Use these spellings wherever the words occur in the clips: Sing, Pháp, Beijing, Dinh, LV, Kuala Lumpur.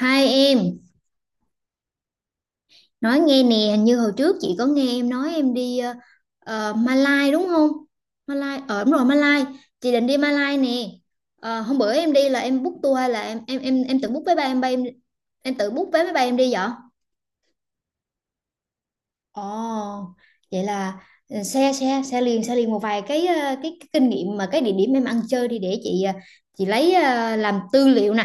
Hai em, nói nghe nè, như hồi trước chị có nghe em nói em đi Malai đúng không? Malai, ở đúng rồi Malai, chị định đi Malai nè. Ờ, hôm bữa em đi là em book tour hay là em tự book vé bay em tự book vé máy bay em đi vậy? Ồ, vậy là ừ, xe xe xe liền một vài cái cái kinh nghiệm mà cái địa điểm em ăn chơi đi để chị chị lấy làm tư liệu nè.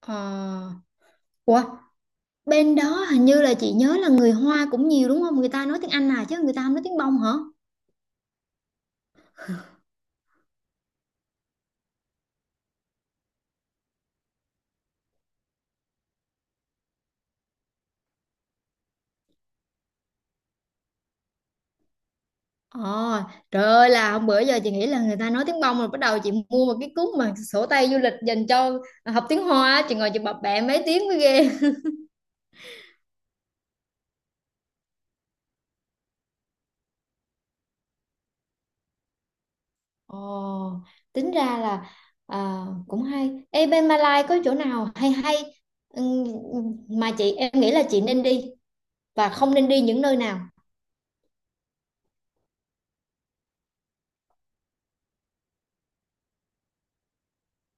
Ờ, ủa bên đó hình như là chị nhớ là người Hoa cũng nhiều đúng không, người ta nói tiếng Anh à, chứ người ta không nói tiếng bông hả? Ồ, trời ơi, là hôm bữa giờ chị nghĩ là người ta nói tiếng bông rồi bắt đầu chị mua một cái cuốn mà sổ tay du lịch dành cho học tiếng Hoa á, chị ngồi chị bập bẹ mấy tiếng mới ghê. Ồ, tính ra là à, cũng hay. Ê, bên Malai có chỗ nào hay hay ừm, mà chị em nghĩ là chị nên đi và không nên đi những nơi nào?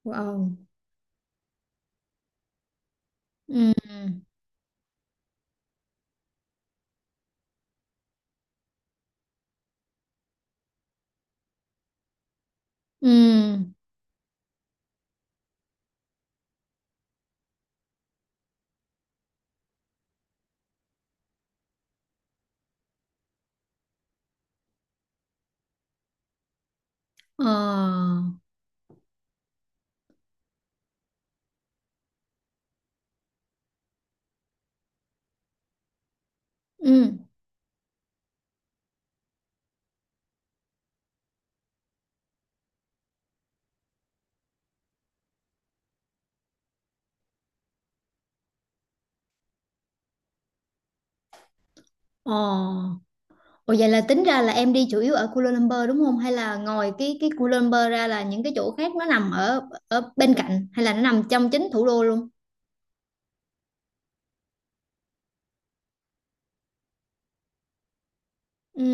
Wow. Ừ. Ừ. Ờ. Ừ. Ờ. Ủa vậy là tính ra là em đi chủ yếu ở Kuala Lumpur đúng không? Hay là ngoài cái Kuala Lumpur ra là những cái chỗ khác nó nằm ở ở bên cạnh hay là nó nằm trong chính thủ đô luôn? Ừ.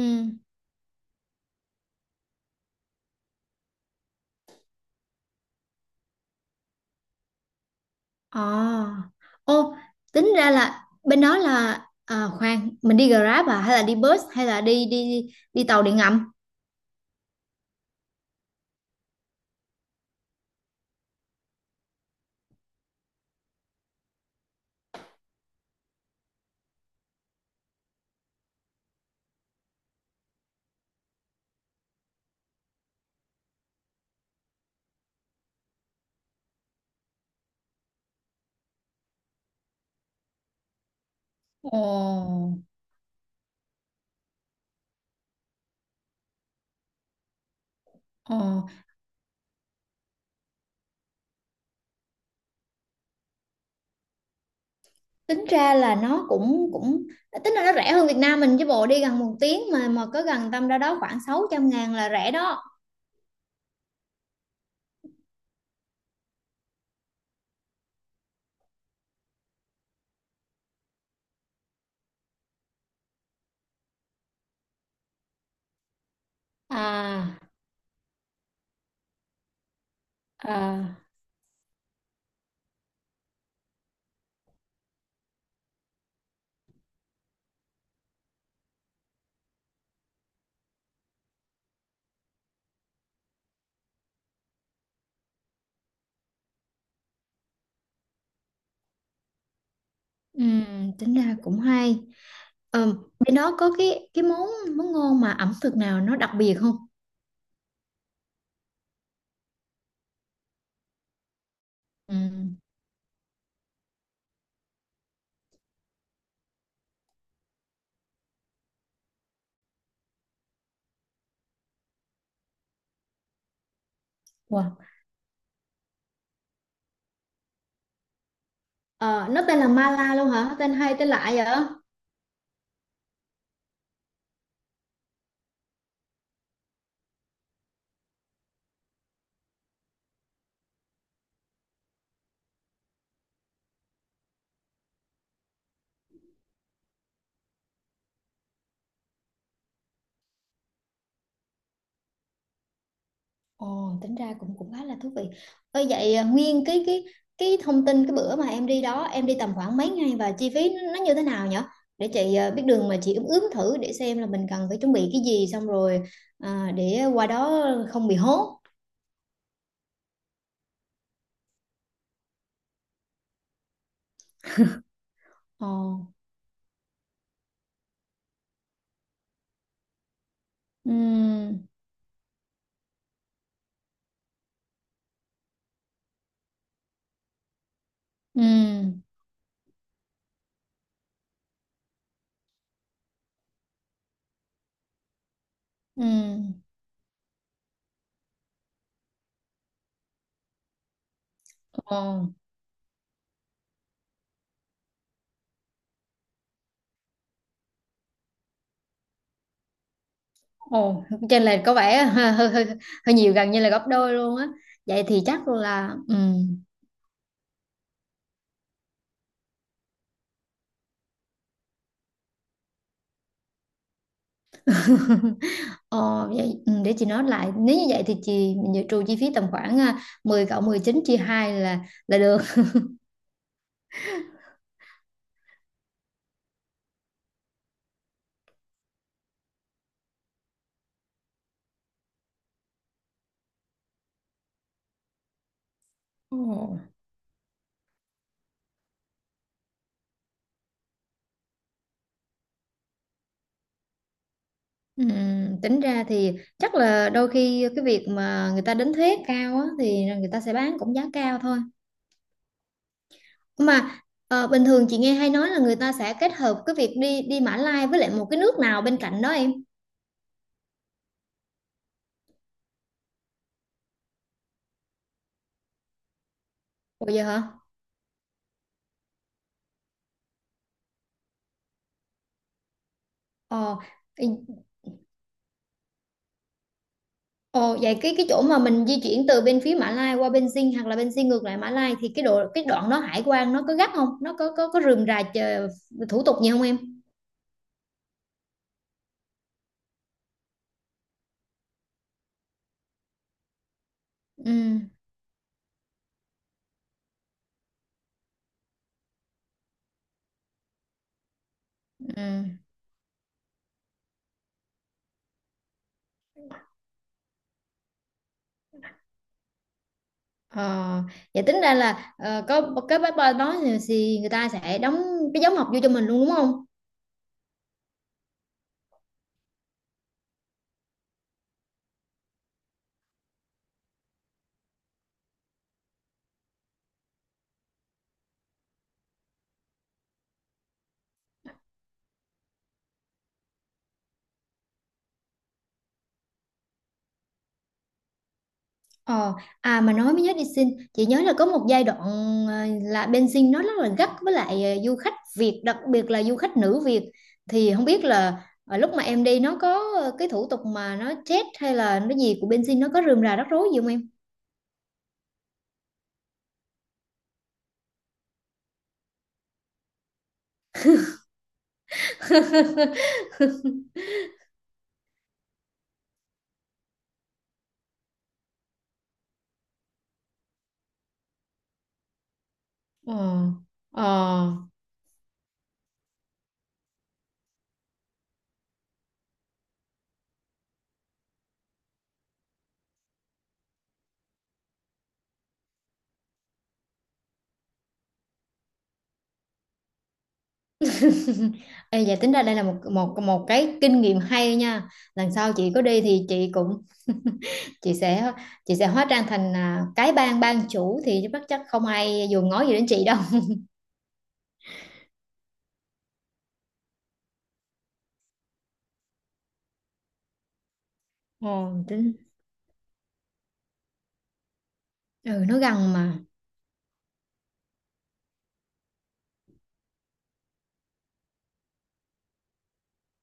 Ồ. Ô, tính ra là bên đó là à, khoan, mình đi Grab à hay là đi bus hay là đi đi đi tàu điện ngầm? Ồ. Ồ, tính ra là nó cũng cũng tính là nó rẻ hơn Việt Nam mình chứ bộ, đi gần một tiếng mà có gần tâm ra đó khoảng 600 ngàn là rẻ đó. À, à. Ừ, tính ra cũng hay. Ờ, bên đó có cái món món ngon mà ẩm thực nào nó đặc biệt không? Ừ. Wow. Ờ, nó tên là Mala luôn hả? Tên hay tên lạ vậy? Ồ, tính ra cũng cũng khá là thú vị. Ơ vậy à, nguyên cái thông tin cái bữa mà em đi đó, em đi tầm khoảng mấy ngày và chi phí nó như thế nào nhỉ? Để chị à, biết đường mà chị ướm ướm thử để xem là mình cần phải chuẩn bị cái gì, xong rồi à, để qua đó không bị hốt. Ồ. Ừ. Ừ. Ừ. Ồ. Ồ, trên là có vẻ hơi nhiều, gần như là gấp đôi luôn á. Vậy thì chắc là. Ờ, vậy, ừ, để chị nói lại, nếu như vậy thì chị mình dự trù chi phí tầm khoảng à, 10 cộng 19 chia 2 là được. Ồ. Tính ra thì chắc là đôi khi cái việc mà người ta đánh thuế cao á, thì người ta sẽ bán cũng giá cao thôi mà. Ờ, bình thường chị nghe hay nói là người ta sẽ kết hợp cái việc đi đi Mã Lai với lại một cái nước nào bên cạnh đó em. Ủa vậy hả? Ờ. Ồ, vậy cái chỗ mà mình di chuyển từ bên phía Mã Lai qua bên Dinh hoặc là bên Dinh ngược lại Mã Lai thì cái độ cái đoạn đó hải quan nó có gắt không? Nó có có rườm rà chờ, thủ tục gì không em? Ừ, ừ. Ờ, vậy tính ra là ờ, có cái passport đó thì người ta sẽ đóng cái dấu mộc vô cho mình luôn đúng không? Ờ, à mà nói mới nhớ, đi xin chị nhớ là có một giai đoạn ờ, là bên Sing nó rất là gắt với lại ờ, du khách Việt, đặc biệt là du khách nữ Việt, thì không biết là ờ, lúc mà em đi nó có ờ, cái thủ tục mà nó chết hay là nó gì của bên Sing, nó có rườm rà rắc rối gì không em? Ờ. Ờ. Ê, dạ tính ra đây là một một một cái kinh nghiệm hay nha. Lần sau chị có đi thì chị cũng chị sẽ chị sẽ hóa trang thành à, cái bang bang chủ thì chắc chắc không ai dùng ngó gì đến chị đâu. Ờ, ừ nó gần mà.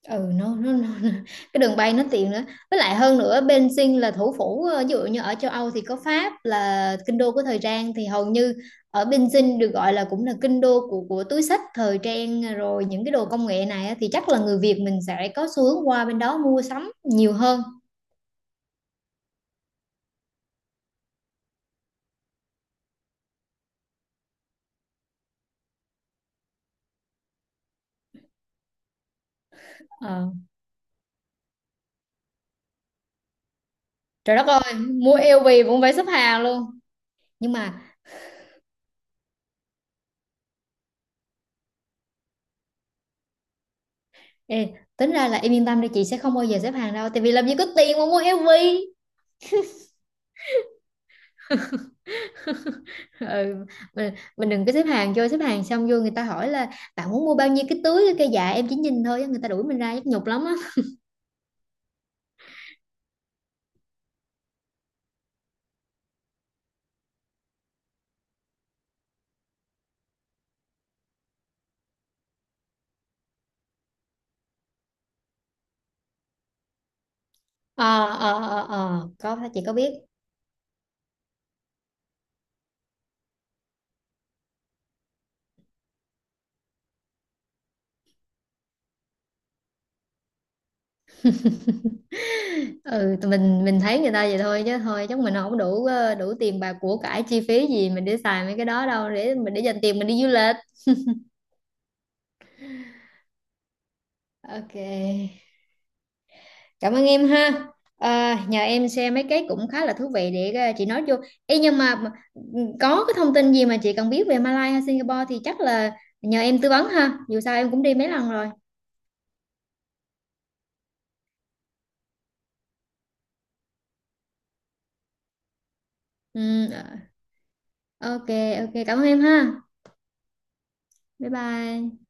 ừ nó, nó, nó nó- cái đường bay nó tiện nữa, với lại hơn nữa Beijing là thủ phủ ờ, ví dụ như ở châu Âu thì có Pháp là kinh đô của thời trang, thì hầu như ở Beijing được gọi là cũng là kinh đô của túi xách thời trang rồi những cái đồ công nghệ này á, thì chắc là người Việt mình sẽ có xu hướng qua bên đó mua sắm nhiều hơn. Ờ, trời đất ơi, mua LV cũng phải xếp hàng luôn. Nhưng mà ê, tính ra là em yên tâm đi, chị sẽ không bao giờ xếp hàng đâu tại vì làm gì có tiền mà mua LV. Ừ, mình đừng có xếp hàng, vô xếp hàng xong vô người ta hỏi là bạn muốn mua bao nhiêu cái túi, cái dạ em chỉ nhìn thôi á, người ta đuổi mình ra nhức nhục lắm á. Ờ có chị có biết. Ừ tụi mình thấy người ta vậy thôi chứ thôi chắc mình không đủ ờ, đủ tiền bạc của cải chi phí gì mình để xài mấy cái đó đâu, để mình để dành tiền mình đi du lịch. Ok, cảm ơn em ha. À, nhờ em share mấy cái cũng khá là thú vị để ờ, chị nói vô. Ê, nhưng ừ, có cái thông tin gì mà chị cần biết về Malaysia hay Singapore thì chắc là nhờ em tư vấn ha. Dù sao em cũng đi mấy lần rồi. Ừ, ờ, ok. Cảm ơn em ha. Bye bye.